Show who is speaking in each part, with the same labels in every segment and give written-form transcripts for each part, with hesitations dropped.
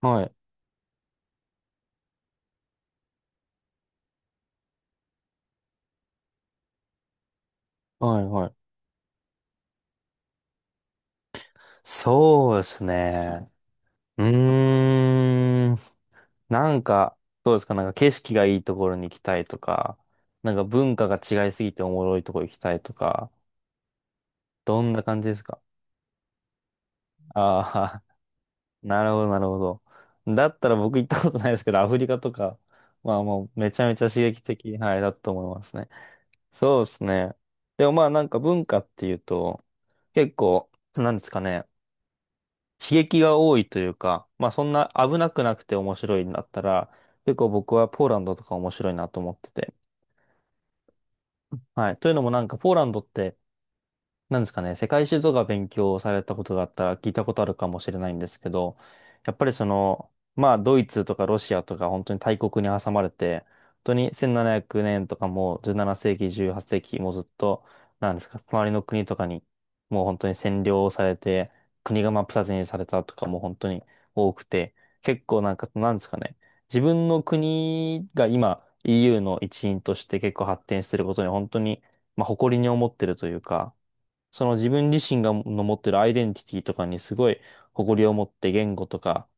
Speaker 1: はい、はい、はい。そうですね。うーん。なんか、どうですか？なんか景色がいいところに行きたいとか、なんか文化が違いすぎておもろいところ行きたいとか、どんな感じですか？ああー、なるほど、なるほど。だったら僕行ったことないですけど、アフリカとか、まあもうめちゃめちゃ刺激的、はい、だと思いますね。そうですね。でもまあなんか文化っていうと、結構、なんですかね。刺激が多いというか、まあそんな危なくなくて面白いんだったら、結構僕はポーランドとか面白いなと思ってて。はい。というのもなんかポーランドってなんですかね、世界史とか勉強されたことがあったら聞いたことあるかもしれないんですけど、やっぱりその、まあドイツとかロシアとか本当に大国に挟まれて、本当に1700年とかもう17世紀、18世紀もうずっと、なんですか、隣の国とかにもう本当に占領されて、国が真っ二つにされたとかも本当に多くて、結構なんか、なんですかね、自分の国が今 EU の一員として結構発展してることに本当に、まあ、誇りに思ってるというか、その自分自身がの持ってるアイデンティティとかにすごい誇りを持って言語とか、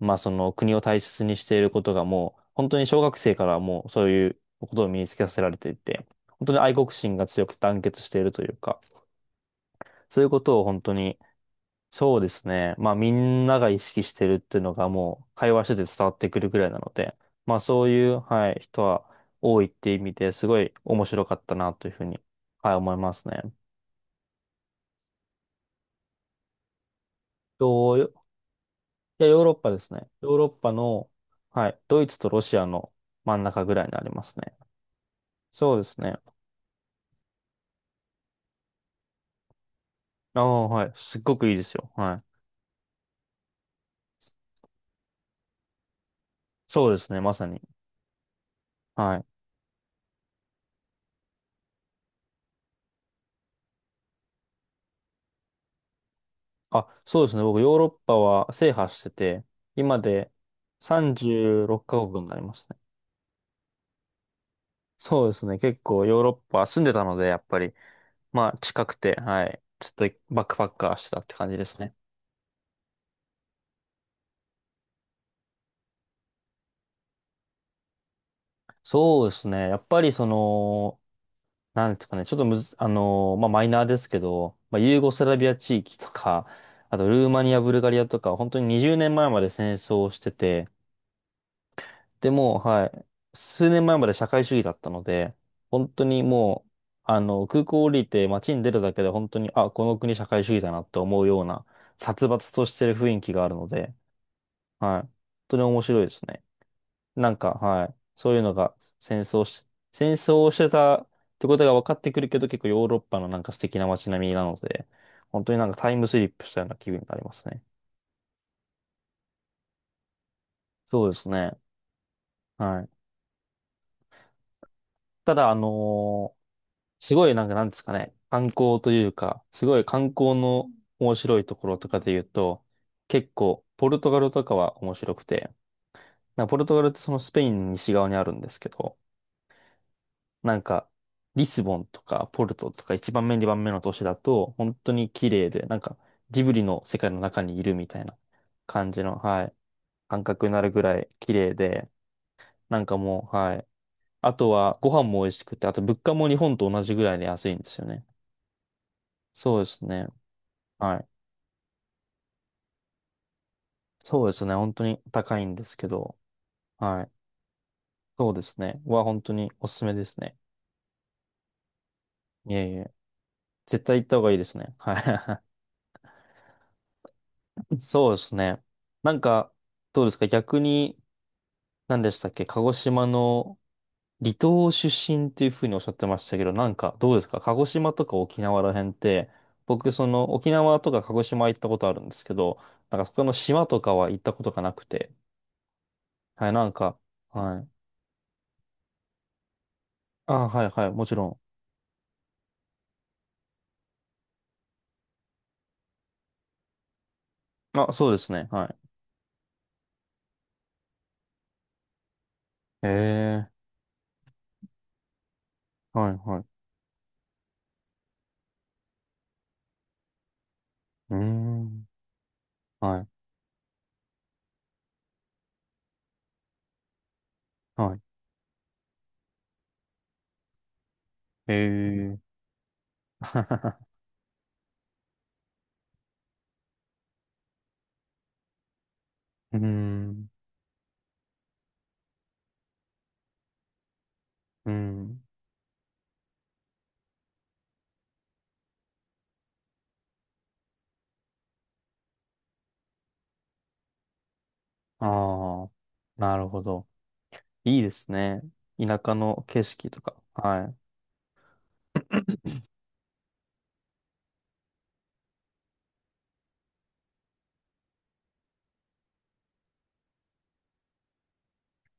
Speaker 1: まあその国を大切にしていることがもう本当に小学生からもうそういうことを身につけさせられていて、本当に愛国心が強くて団結しているというか、そういうことを本当に、そうですね。まあみんなが意識してるっていうのがもう会話してて伝わってくるぐらいなので、まあそういう、はい、人は多いって意味ですごい面白かったなというふうに、はい、思いますね。といや、ヨーロッパですね。ヨーロッパの、はい、ドイツとロシアの真ん中ぐらいになりますね。そうですね。ああ、はい。すっごくいいですよ。はい。そうですね。まさに。はい。あ、そうですね。僕、ヨーロッパは制覇してて、今で36カ国になりますね。そうですね。結構ヨーロッパ住んでたので、やっぱり、まあ、近くて、はい。ちょっとバックパッカーしてたって感じですね。そうですね。やっぱりその、なんですかね、ちょっとむず、あのーまあ、マイナーですけど、まあ、ユーゴスラビア地域とか、あとルーマニア、ブルガリアとか、本当に20年前まで戦争をしてて、でもう、はい、数年前まで社会主義だったので、本当にもう、空港降りて街に出るだけで本当に、あ、この国社会主義だなって思うような、殺伐としてる雰囲気があるので、はい、本当に面白いですね。なんか、はい。そういうのが戦争し、戦争をしてたってことが分かってくるけど、結構ヨーロッパのなんか素敵な街並みなので、本当になんかタイムスリップしたような気分になりますね。そうですね。はい。ただ、すごいなんかなんですかね、観光というか、すごい観光の面白いところとかで言うと、結構、ポルトガルとかは面白くて、なんかポルトガルってそのスペインの西側にあるんですけど、なんか、リスボンとかポルトとか一番目、二番目の都市だと、本当に綺麗で、なんか、ジブリの世界の中にいるみたいな感じの、はい、感覚になるぐらい綺麗で、なんかもう、はい。あとは、ご飯も美味しくて、あと物価も日本と同じぐらいで安いんですよね。そうですね。はい。そうですね。本当に高いんですけど、はい。そうですね。本当におすすめですね。いえいえ。絶対行った方がいいですね。はい。そうですね。なんか、どうですか逆に、何でしたっけ、鹿児島の離島出身っていうふうにおっしゃってましたけど、なんかどうですか？鹿児島とか沖縄ら辺って、僕その沖縄とか鹿児島行ったことあるんですけど、なんかそこの島とかは行ったことがなくて、はい、なんか、はい。あ、はい、はい、もちろん。あ、そうですね、はい。へえ、はい、はい。うーん、はい、はい。へえ、うーん、うん。ああ、なるほど。いいですね。田舎の景色とか。はい。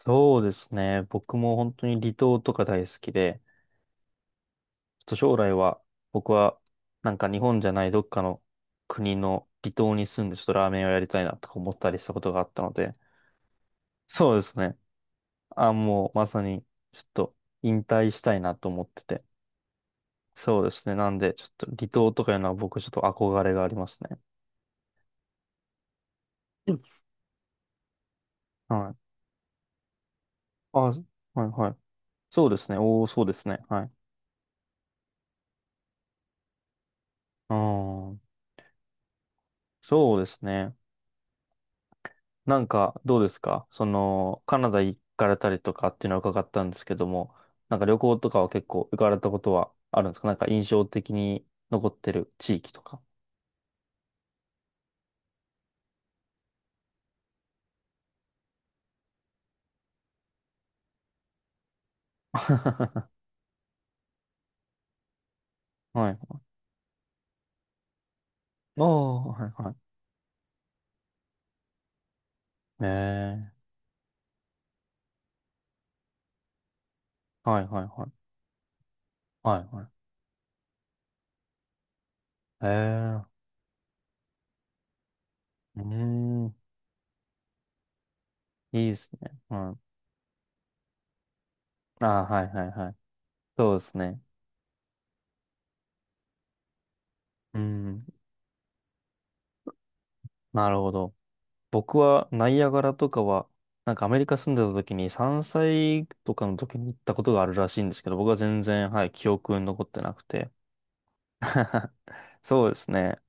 Speaker 1: そうですね。僕も本当に離島とか大好きで、ちょっと将来は僕はなんか日本じゃないどっかの国の離島に住んでちょっとラーメンをやりたいなとか思ったりしたことがあったので、そうですね。あ、もうまさにちょっと引退したいなと思ってて。そうですね。なんでちょっと離島とかいうのは僕ちょっと憧れがありますね。うん。はい。あ、はいはい。そうですね。おー、そうですね。はい。うーん。そうですね。なんか、どうですかその、カナダ行かれたりとかっていうのは伺ったんですけども、なんか旅行とかは結構行かれたことはあるんですか？なんか印象的に残ってる地域とか。はい。おー、はいはい。えー、はいはいはい。はいはい。えー、うーん、いいですね。うん。あー、はいはいはい。そうですね。うん、なるほど。僕はナイアガラとかは、なんかアメリカ住んでた時に3歳とかの時に行ったことがあるらしいんですけど、僕は全然、はい、記憶に残ってなくて。そうですね。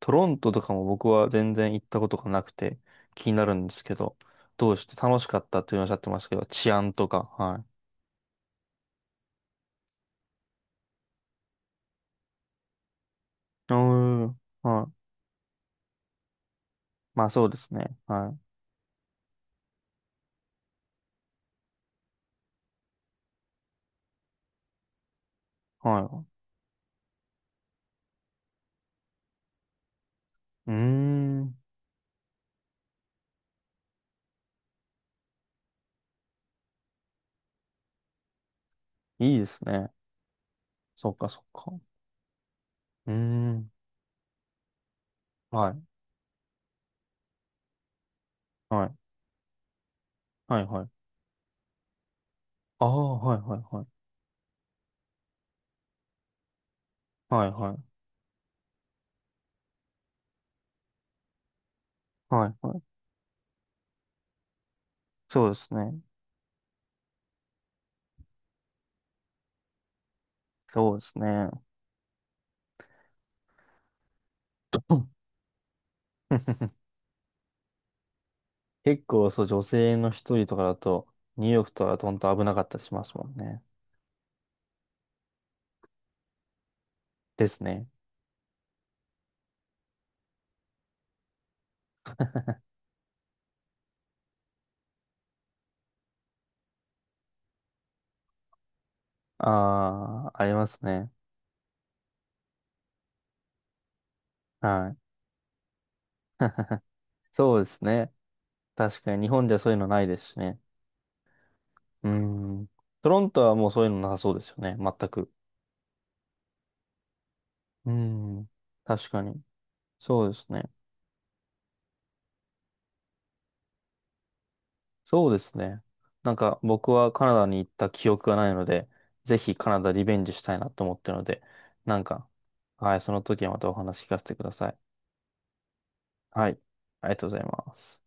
Speaker 1: トロントとかも僕は全然行ったことがなくて気になるんですけど、どうして楽しかったっていうのをおっしゃってましたけど、治安とか、はい。うーん、はい。まあそうですね。はい。はい。うーん、いいですね。そっかそっか。うーん、はい。はい。はいはい。ああ、はいはいはい。はいはい。はいはい。そうですね。そうですね。結構そう、女性の一人とかだと、ニューヨークとかだと本当危なかったりしますもんね。ですね。ああ、ありますね。はい。そうですね。確かに日本じゃそういうのないですしね。うん。トロントはもうそういうのなさそうですよね。全く。うん。確かに。そうですね。そうですね。なんか僕はカナダに行った記憶がないので、ぜひカナダリベンジしたいなと思ってるので、なんか、はい、その時はまたお話聞かせてください。はい、ありがとうございます。